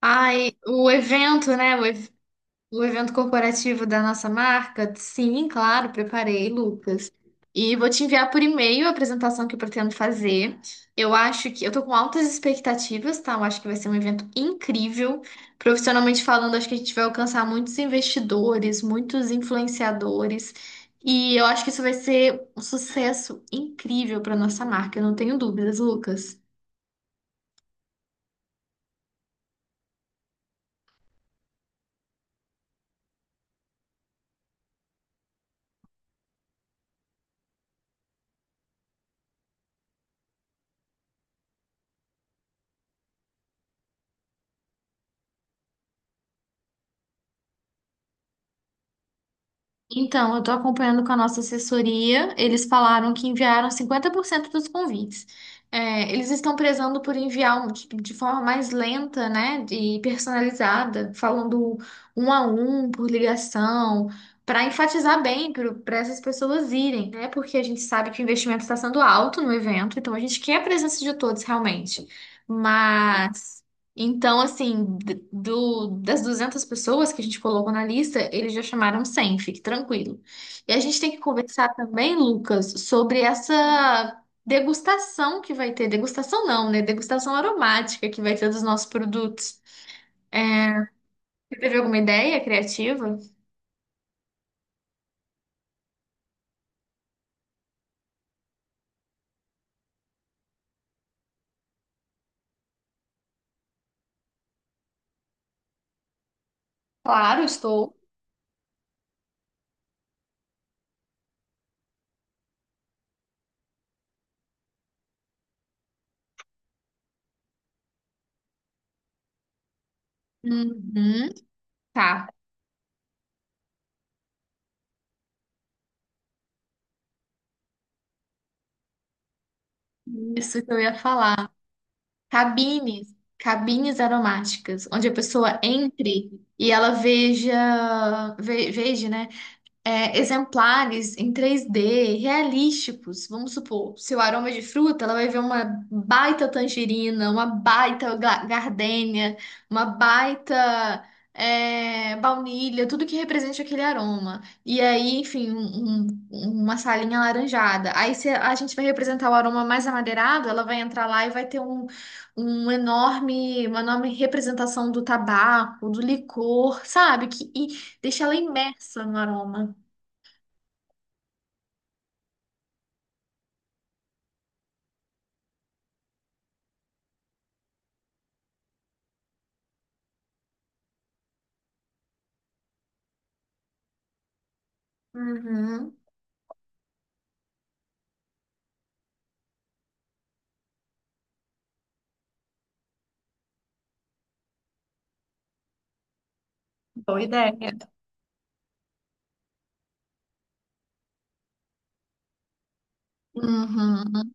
Ai, o evento, né? O evento corporativo da nossa marca? Sim, claro, preparei, Lucas. E vou te enviar por e-mail a apresentação que eu pretendo fazer. Eu acho que eu tô com altas expectativas, tá? Eu acho que vai ser um evento incrível. Profissionalmente falando, acho que a gente vai alcançar muitos investidores, muitos influenciadores. E eu acho que isso vai ser um sucesso incrível para nossa marca, eu não tenho dúvidas, Lucas. Então, eu estou acompanhando com a nossa assessoria. Eles falaram que enviaram 50% dos convites. É, eles estão prezando por enviar de forma mais lenta, né, e personalizada, falando um a um, por ligação, para enfatizar bem para essas pessoas irem, né? Porque a gente sabe que o investimento está sendo alto no evento, então a gente quer a presença de todos realmente. Mas então, assim, das 200 pessoas que a gente colocou na lista, eles já chamaram 100. Fique tranquilo. E a gente tem que conversar também, Lucas, sobre essa degustação que vai ter. Degustação não, né? Degustação aromática que vai ter dos nossos produtos. Você teve alguma ideia criativa? Claro, estou. Uhum, tá. Isso que eu ia falar. Cabines, cabines aromáticas, onde a pessoa entre e ela veja, né? Exemplares em 3D, realísticos. Vamos supor, se o aroma é de fruta, ela vai ver uma baita tangerina, uma baita gardênia, uma baita baunilha, tudo que represente aquele aroma. E aí, enfim, uma salinha alaranjada. Aí, se a gente vai representar o aroma mais amadeirado, ela vai entrar lá e vai ter um enorme, uma enorme representação do tabaco, do licor, sabe? Que, e deixa ela imersa no aroma. Uhum. Boa ideia. Uhum.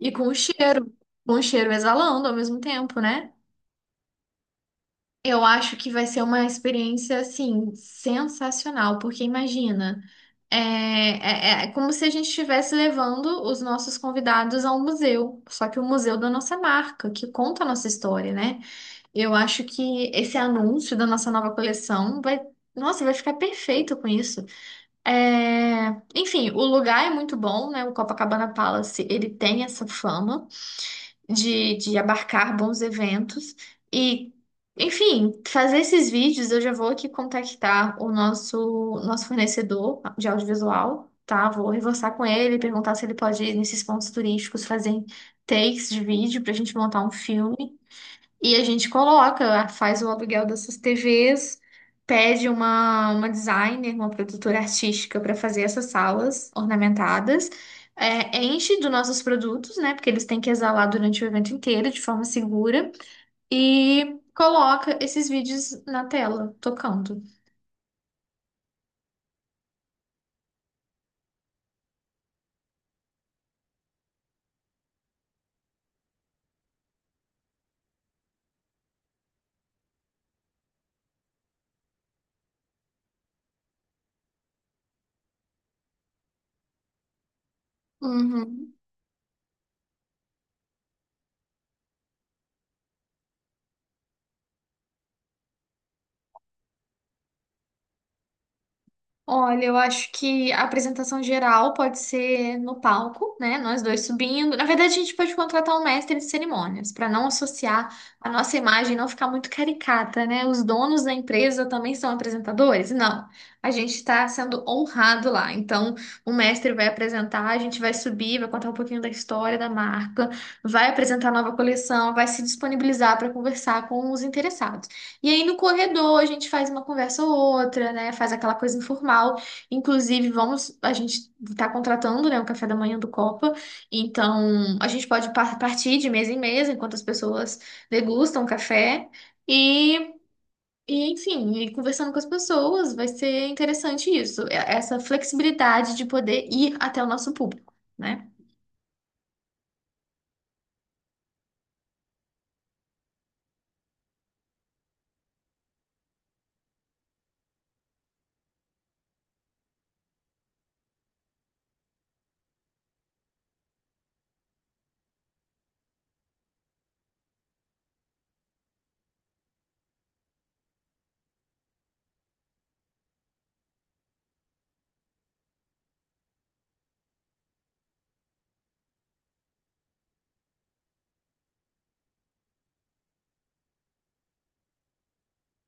E com o cheiro exalando ao mesmo tempo, né? Eu acho que vai ser uma experiência, assim, sensacional, porque imagina, é como se a gente estivesse levando os nossos convidados a um museu, só que o museu da nossa marca, que conta a nossa história, né? Eu acho que esse anúncio da nossa nova coleção vai, nossa, vai ficar perfeito com isso. É, enfim, o lugar é muito bom, né? O Copacabana Palace, ele tem essa fama de abarcar bons eventos e, enfim, fazer esses vídeos, eu já vou aqui contactar o nosso fornecedor de audiovisual, tá? Vou reforçar com ele, perguntar se ele pode ir nesses pontos turísticos, fazer takes de vídeo pra gente montar um filme. E a gente coloca, faz o aluguel dessas TVs, pede uma designer, uma produtora artística para fazer essas salas ornamentadas, enche dos nossos produtos, né? Porque eles têm que exalar durante o evento inteiro de forma segura, e coloca esses vídeos na tela, tocando. Uhum. Olha, eu acho que a apresentação geral pode ser no palco, né? Nós dois subindo. Na verdade, a gente pode contratar um mestre de cerimônias para não associar a nossa imagem, não ficar muito caricata, né? Os donos da empresa também são apresentadores? Não. A gente está sendo honrado lá. Então, o mestre vai apresentar, a gente vai subir, vai contar um pouquinho da história da marca, vai apresentar a nova coleção, vai se disponibilizar para conversar com os interessados. E aí no corredor a gente faz uma conversa ou outra, né? Faz aquela coisa informal. Inclusive, vamos, a gente tá contratando, né, o café da manhã do Copa. Então, a gente pode partir de mesa em mesa enquanto as pessoas degustam o café e E, enfim, e conversando com as pessoas, vai ser interessante isso, essa flexibilidade de poder ir até o nosso público, né?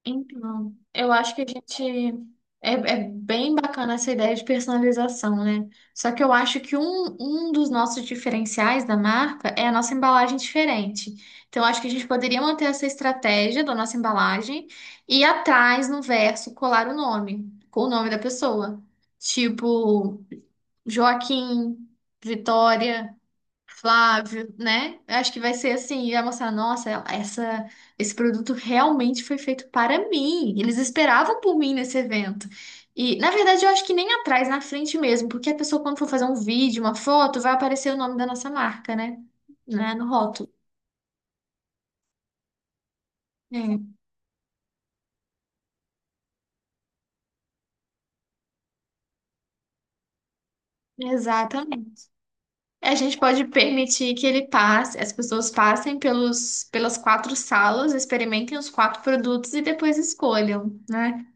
Então, eu acho que a gente. É, é bem bacana essa ideia de personalização, né? Só que eu acho que um dos nossos diferenciais da marca é a nossa embalagem diferente. Então, eu acho que a gente poderia manter essa estratégia da nossa embalagem e atrás, no verso, colar o nome, com o nome da pessoa. Tipo, Joaquim, Vitória. Flávio, né? Eu acho que vai ser assim, vai mostrar, nossa, essa, esse produto realmente foi feito para mim. Eles esperavam por mim nesse evento. E, na verdade, eu acho que nem atrás, na frente mesmo, porque a pessoa, quando for fazer um vídeo, uma foto, vai aparecer o nome da nossa marca, né? Né? No rótulo. É, exatamente. A gente pode permitir que ele passe, as pessoas passem pelos, pelas quatro salas, experimentem os quatro produtos e depois escolham, né?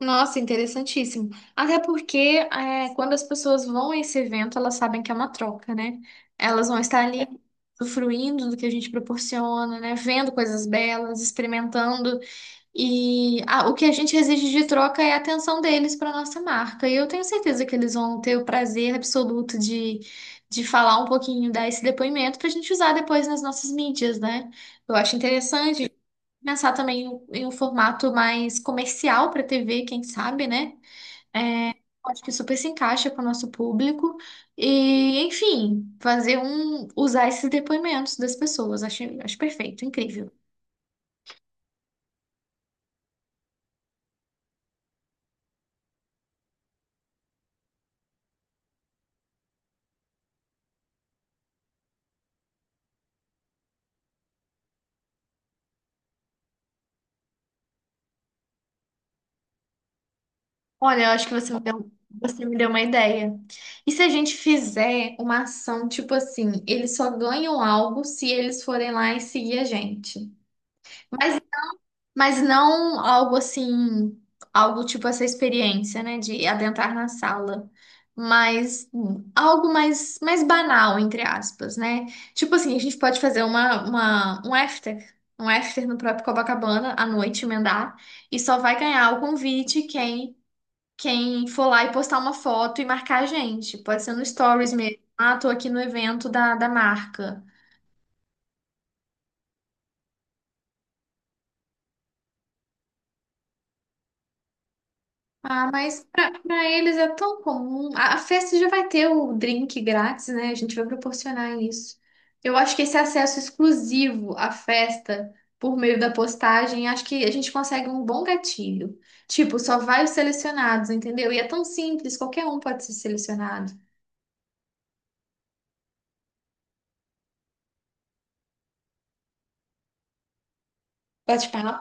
Nossa, interessantíssimo. Até porque quando as pessoas vão a esse evento, elas sabem que é uma troca, né? Elas vão estar ali usufruindo do que a gente proporciona, né? Vendo coisas belas, experimentando. E ah, o que a gente exige de troca é a atenção deles para nossa marca. E eu tenho certeza que eles vão ter o prazer absoluto de falar um pouquinho, dar esse depoimento para a gente usar depois nas nossas mídias, né? Eu acho interessante pensar também em um formato mais comercial para TV, quem sabe, né? Acho que super se encaixa com o nosso público. E, enfim, fazer um, usar esses depoimentos das pessoas. Acho, acho perfeito, incrível. Olha, eu acho que você me deu uma ideia. E se a gente fizer uma ação tipo assim, eles só ganham algo se eles forem lá e seguir a gente. Mas, mas não algo assim, algo tipo essa experiência, né, de adentrar na sala. Mas algo mais, mais banal, entre aspas, né? Tipo assim, a gente pode fazer um after, um after no próprio Copacabana à noite, emendar, e só vai ganhar o convite quem for lá e postar uma foto e marcar a gente. Pode ser no Stories mesmo. Ah, tô aqui no evento da, da marca. Ah, mas pra eles é tão comum. A festa já vai ter o drink grátis, né? A gente vai proporcionar isso. Eu acho que esse acesso exclusivo à festa por meio da postagem, acho que a gente consegue um bom gatilho. Tipo, só vai os selecionados, entendeu? E é tão simples, qualquer um pode ser selecionado. Bate-papo.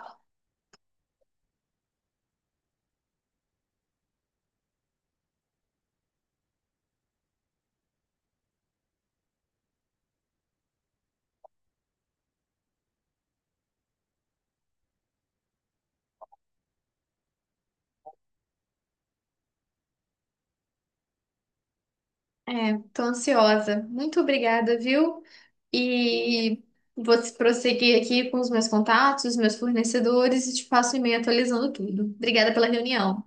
É, tô ansiosa. Muito obrigada, viu? E vou prosseguir aqui com os meus contatos, meus fornecedores e te passo o e-mail atualizando tudo. Obrigada pela reunião.